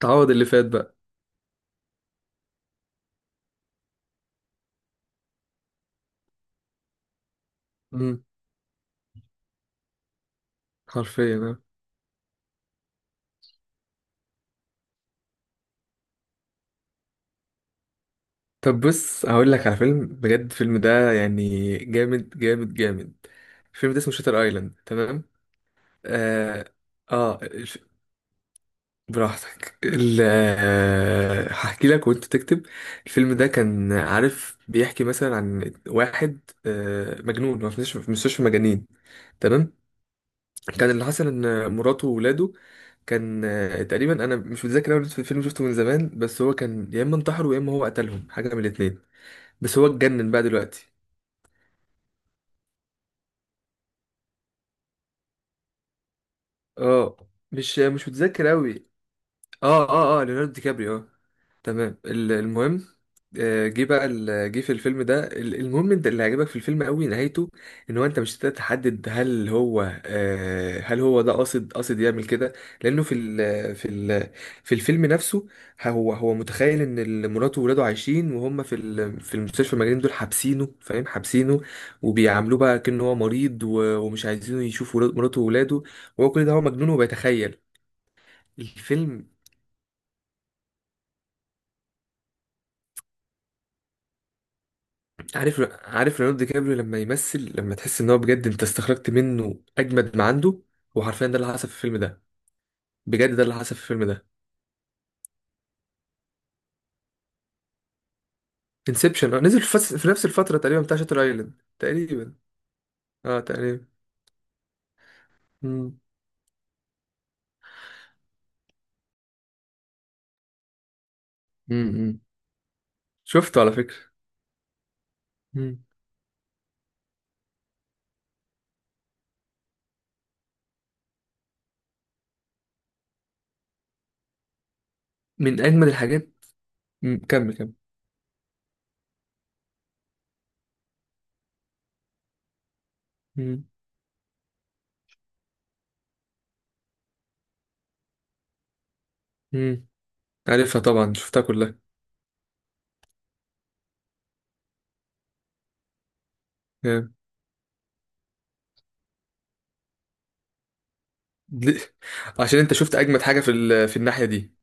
تعوض اللي فات بقى. امم. حرفيا آه. طب بص هقول لك على فيلم بجد. الفيلم ده يعني جامد جامد جامد. الفيلم ده اسمه شاتر ايلاند، تمام. اه. آه الف... براحتك. ال... آه، هحكي لك وانت تكتب. الفيلم ده كان عارف بيحكي مثلا عن واحد مجنون، هو في مستشفى، في مستشفى مجانين، تمام. كان اللي حصل ان مراته وولاده. كان آه، تقريبا انا مش متذكر اول الفيلم، شفته من زمان، بس هو كان يا اما انتحروا يا اما هو قتلهم، حاجه من الاثنين. بس هو اتجنن بقى دلوقتي. اه. مش متذكر قوي. اه، اه، اه، ليوناردو دي كابريو، اه. تمام. المهم، جه في الفيلم ده. المهم انت اللي عجبك في الفيلم قوي نهايته. ان هو انت مش هتقدر تحدد هل هو، هل هو ده قاصد قاصد يعمل كده. لانه في الفيلم نفسه، هو متخيل ان مراته وولاده عايشين، وهم في في المستشفى المجانين دول، حابسينه فاهم حابسينه. وبيعاملوه بقى كأنه هو مريض، ومش عايزينه يشوف مراته وولاده. وهو كل ده هو مجنون وبيتخيل الفيلم. عارف ليوناردو دي كابريو لما يمثل، لما تحس ان هو بجد، انت استخرجت منه اجمد ما عنده. وحرفيا ده اللي حصل في الفيلم ده. بجد ده اللي حصل في الفيلم ده. انسبشن نزل في نفس الفتره تقريبا، بتاع شاتر ايلاند تقريبا. اه، تقريبا. مم. امم. شفته على فكره. مم. من اجمد الحاجات. مم. كمل كمل. مم. مم. عارفها طبعا، شفتها كلها. جامد. ليه؟ عشان انت شفت اجمد حاجه في الناحيه دي.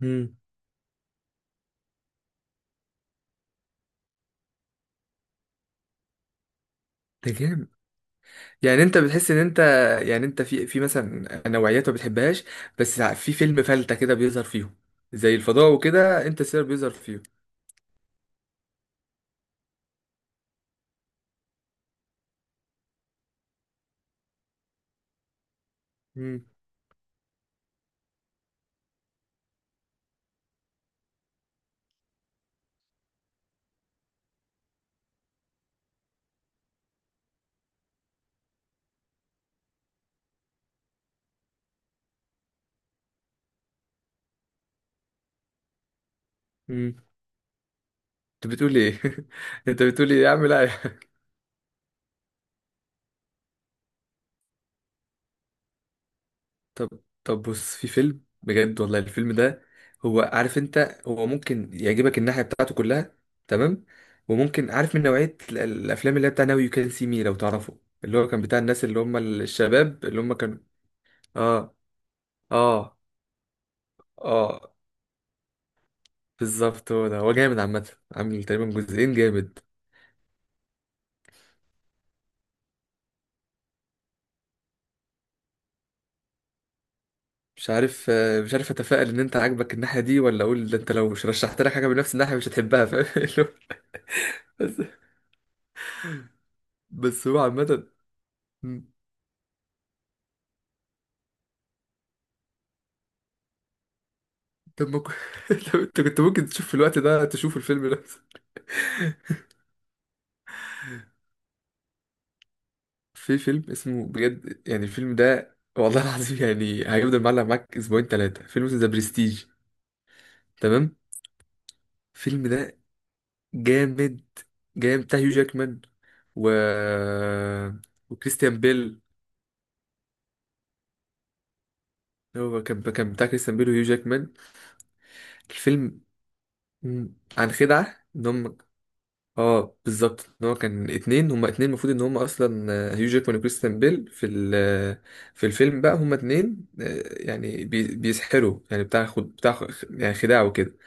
مم. ده جامد. يعني انت بتحس ان انت، يعني انت في مثلا نوعيات ما بتحبهاش، بس في فيلم فلتة كده بيظهر فيهم، زي الفضاء وكده انت سير بيظهر فيهم. امم. امم. انت بتقول ايه؟ انت بتقول ايه يا عم؟ لا يا عم. طب طب بص، في فيلم بجد والله. الفيلم ده، هو عارف انت، هو ممكن يعجبك الناحية بتاعته كلها، تمام. وممكن عارف، من نوعية الافلام اللي هي بتاع ناو يو كان سي مي، لو تعرفه، اللي هو كان بتاع الناس اللي هم الشباب اللي هم كانوا. اه، اه، اه، بالظبط، هو ده. هو جامد عامة، عامل تقريبا جزئين جامد. مش عارف، مش عارف اتفائل ان انت عاجبك الناحية دي، ولا اقول ده انت لو مش رشحت لك حاجة بنفس الناحية مش هتحبها، فاهم، اللي هو بس. بس هو عامة. مم، طب ما كو- طب انت كنت ممكن تشوف في الوقت ده تشوف الفيلم نفسه. في فيلم اسمه بجد، يعني الفيلم ده والله العظيم يعني هيفضل معلق معاك اسبوعين ثلاثة. فيلم اسمه ذا برستيج، تمام. الفيلم ده جامد. جامد بتاع هيو جاكمان. و وكريستيان بيل. هو كان بتاع كريستيان بيل وهيو جاكمان. الفيلم، عن خدعة ان هم. اه، بالظبط، ان هو كان اتنين، هما اتنين المفروض ان هما اصلا، هيو جاكمان وكريستيان بيل في الفيلم بقى، هما اتنين، يعني بيسحروا يعني، بتاع يعني خداع وكده،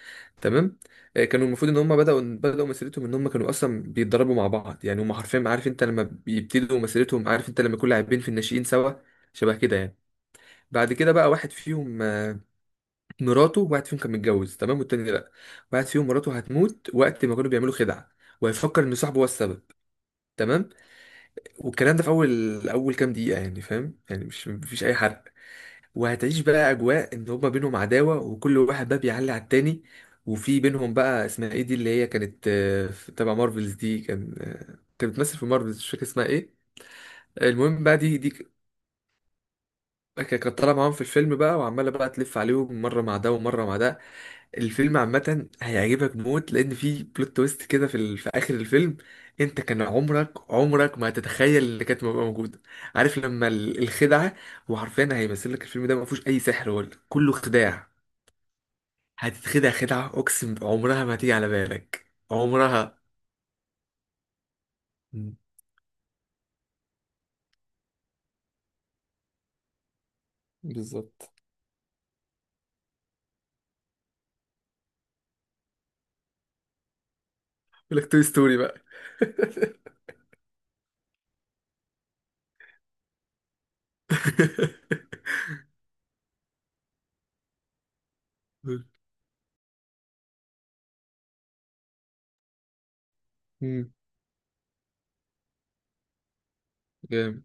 تمام. كانوا المفروض ان هم بداوا مسيرتهم، ان هم كانوا اصلا بيتدربوا مع بعض يعني، هم حرفيا عارف انت لما بيبتدوا مسيرتهم، عارف انت لما يكون لاعبين في الناشئين سوا، شبه كده يعني. بعد كده بقى واحد فيهم، مراته، واحد فيهم كان متجوز، تمام، والتاني لا. واحد فيهم مراته هتموت وقت ما كانوا بيعملوا خدعة، وهيفكر ان صاحبه هو السبب، تمام. والكلام ده في اول كام دقيقة يعني، فاهم يعني، مش مفيش اي حرق. وهتعيش بقى اجواء ان هما بينهم عداوة، وكل واحد بقى بيعلي على التاني. وفي بينهم بقى اسمها ايه، دي اللي هي كانت، تبع مارفلز، دي كان، كانت بتمثل في مارفلز، مش فاكر اسمها ايه. المهم بقى كانت طالعة معاهم في الفيلم بقى، وعمالة بقى تلف عليهم، مرة مع ده ومرة مع ده. الفيلم عامة هيعجبك موت، لأن في بلوت تويست كده في آخر الفيلم. أنت كان عمرك عمرك ما هتتخيل إن كانت تبقى موجودة. عارف لما الخدعة، وحرفيا هيمثل لك الفيلم ده ما فيهوش أي سحر، ولا كله خداع. هتتخدع خدعة أقسم عمرها ما تيجي على بالك عمرها. مم. بالظبط. يقول لك توي ستوري بقى. مم. جامد.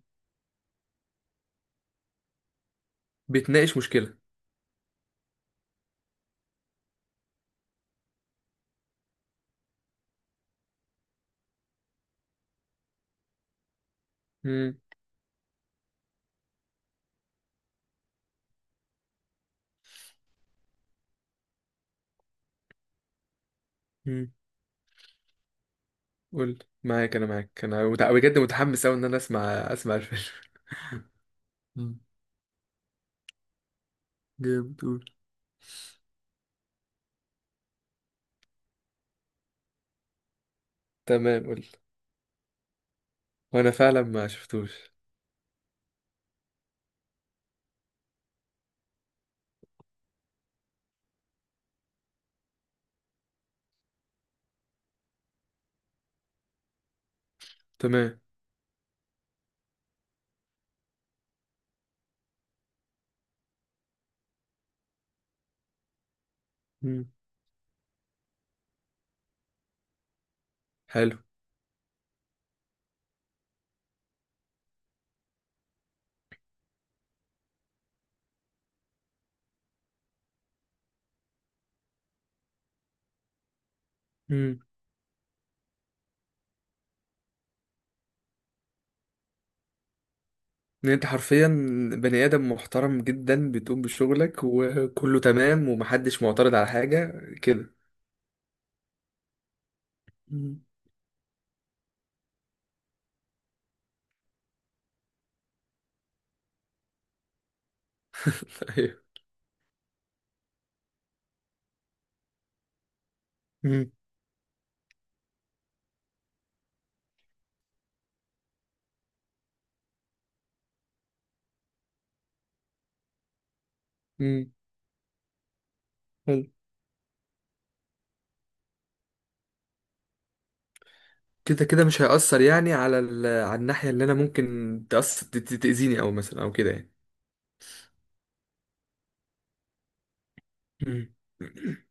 بتناقش مشكلة. مم. مم. قول، معاك أنا، معاك أنا بجد متحمس أوي إن أنا أسمع الفيلم. مم. جامد، قول. تمام، قول. وانا فعلا ما شفتوش. تمام. مم. حلو. امم، ان انت حرفيا بني ادم محترم جدا، بتقوم بشغلك وكله تمام، ومحدش معترض على حاجه كده. مم. ايوه. مم. امم، حلو. كده كده مش هيأثر يعني، على على الناحيه اللي انا ممكن تأثر، تأذيني او مثلا، او كده يعني. مم.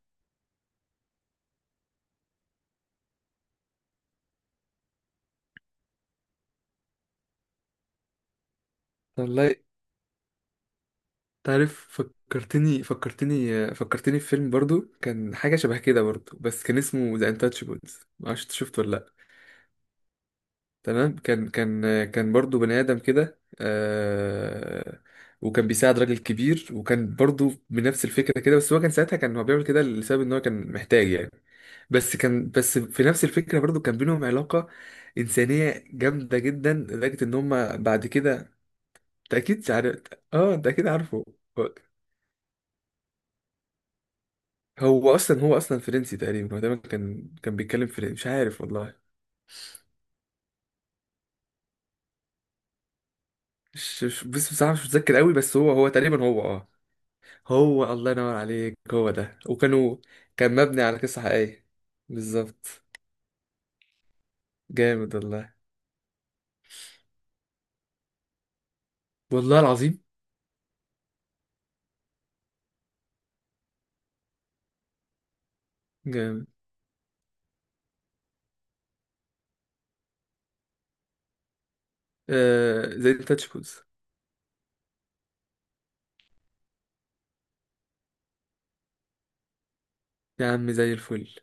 والله تعرف، فكرتني فكرتني فكرتني في فيلم برضو كان حاجة شبه كده برضو، بس كان اسمه ذا انتاتشبلز، معرفش انت شفته ولا لأ. تمام. كان برضو بني آدم كده، وكان بيساعد راجل كبير، وكان برضو بنفس الفكرة كده، بس هو كان ساعتها، كان هو بيعمل كده لسبب ان هو كان محتاج يعني. بس كان بس في نفس الفكرة برضو كان بينهم علاقة إنسانية جامدة جدا، لدرجة ان هما بعد كده. انت اكيد عارف. اه، انت اكيد عارفه. هو اصلا فرنسي تقريبا، هو تقريبا كان بيتكلم فرنسي، مش عارف والله. مش بس بصراحه، مش متذكر قوي، بس هو تقريبا، هو، اه. هو الله ينور عليك، هو ده، وكانوا، كان مبني على قصه حقيقيه. بالظبط. جامد والله. والله العظيم. جامد. آه، زي تاتش بوز. يا عم زي الفل.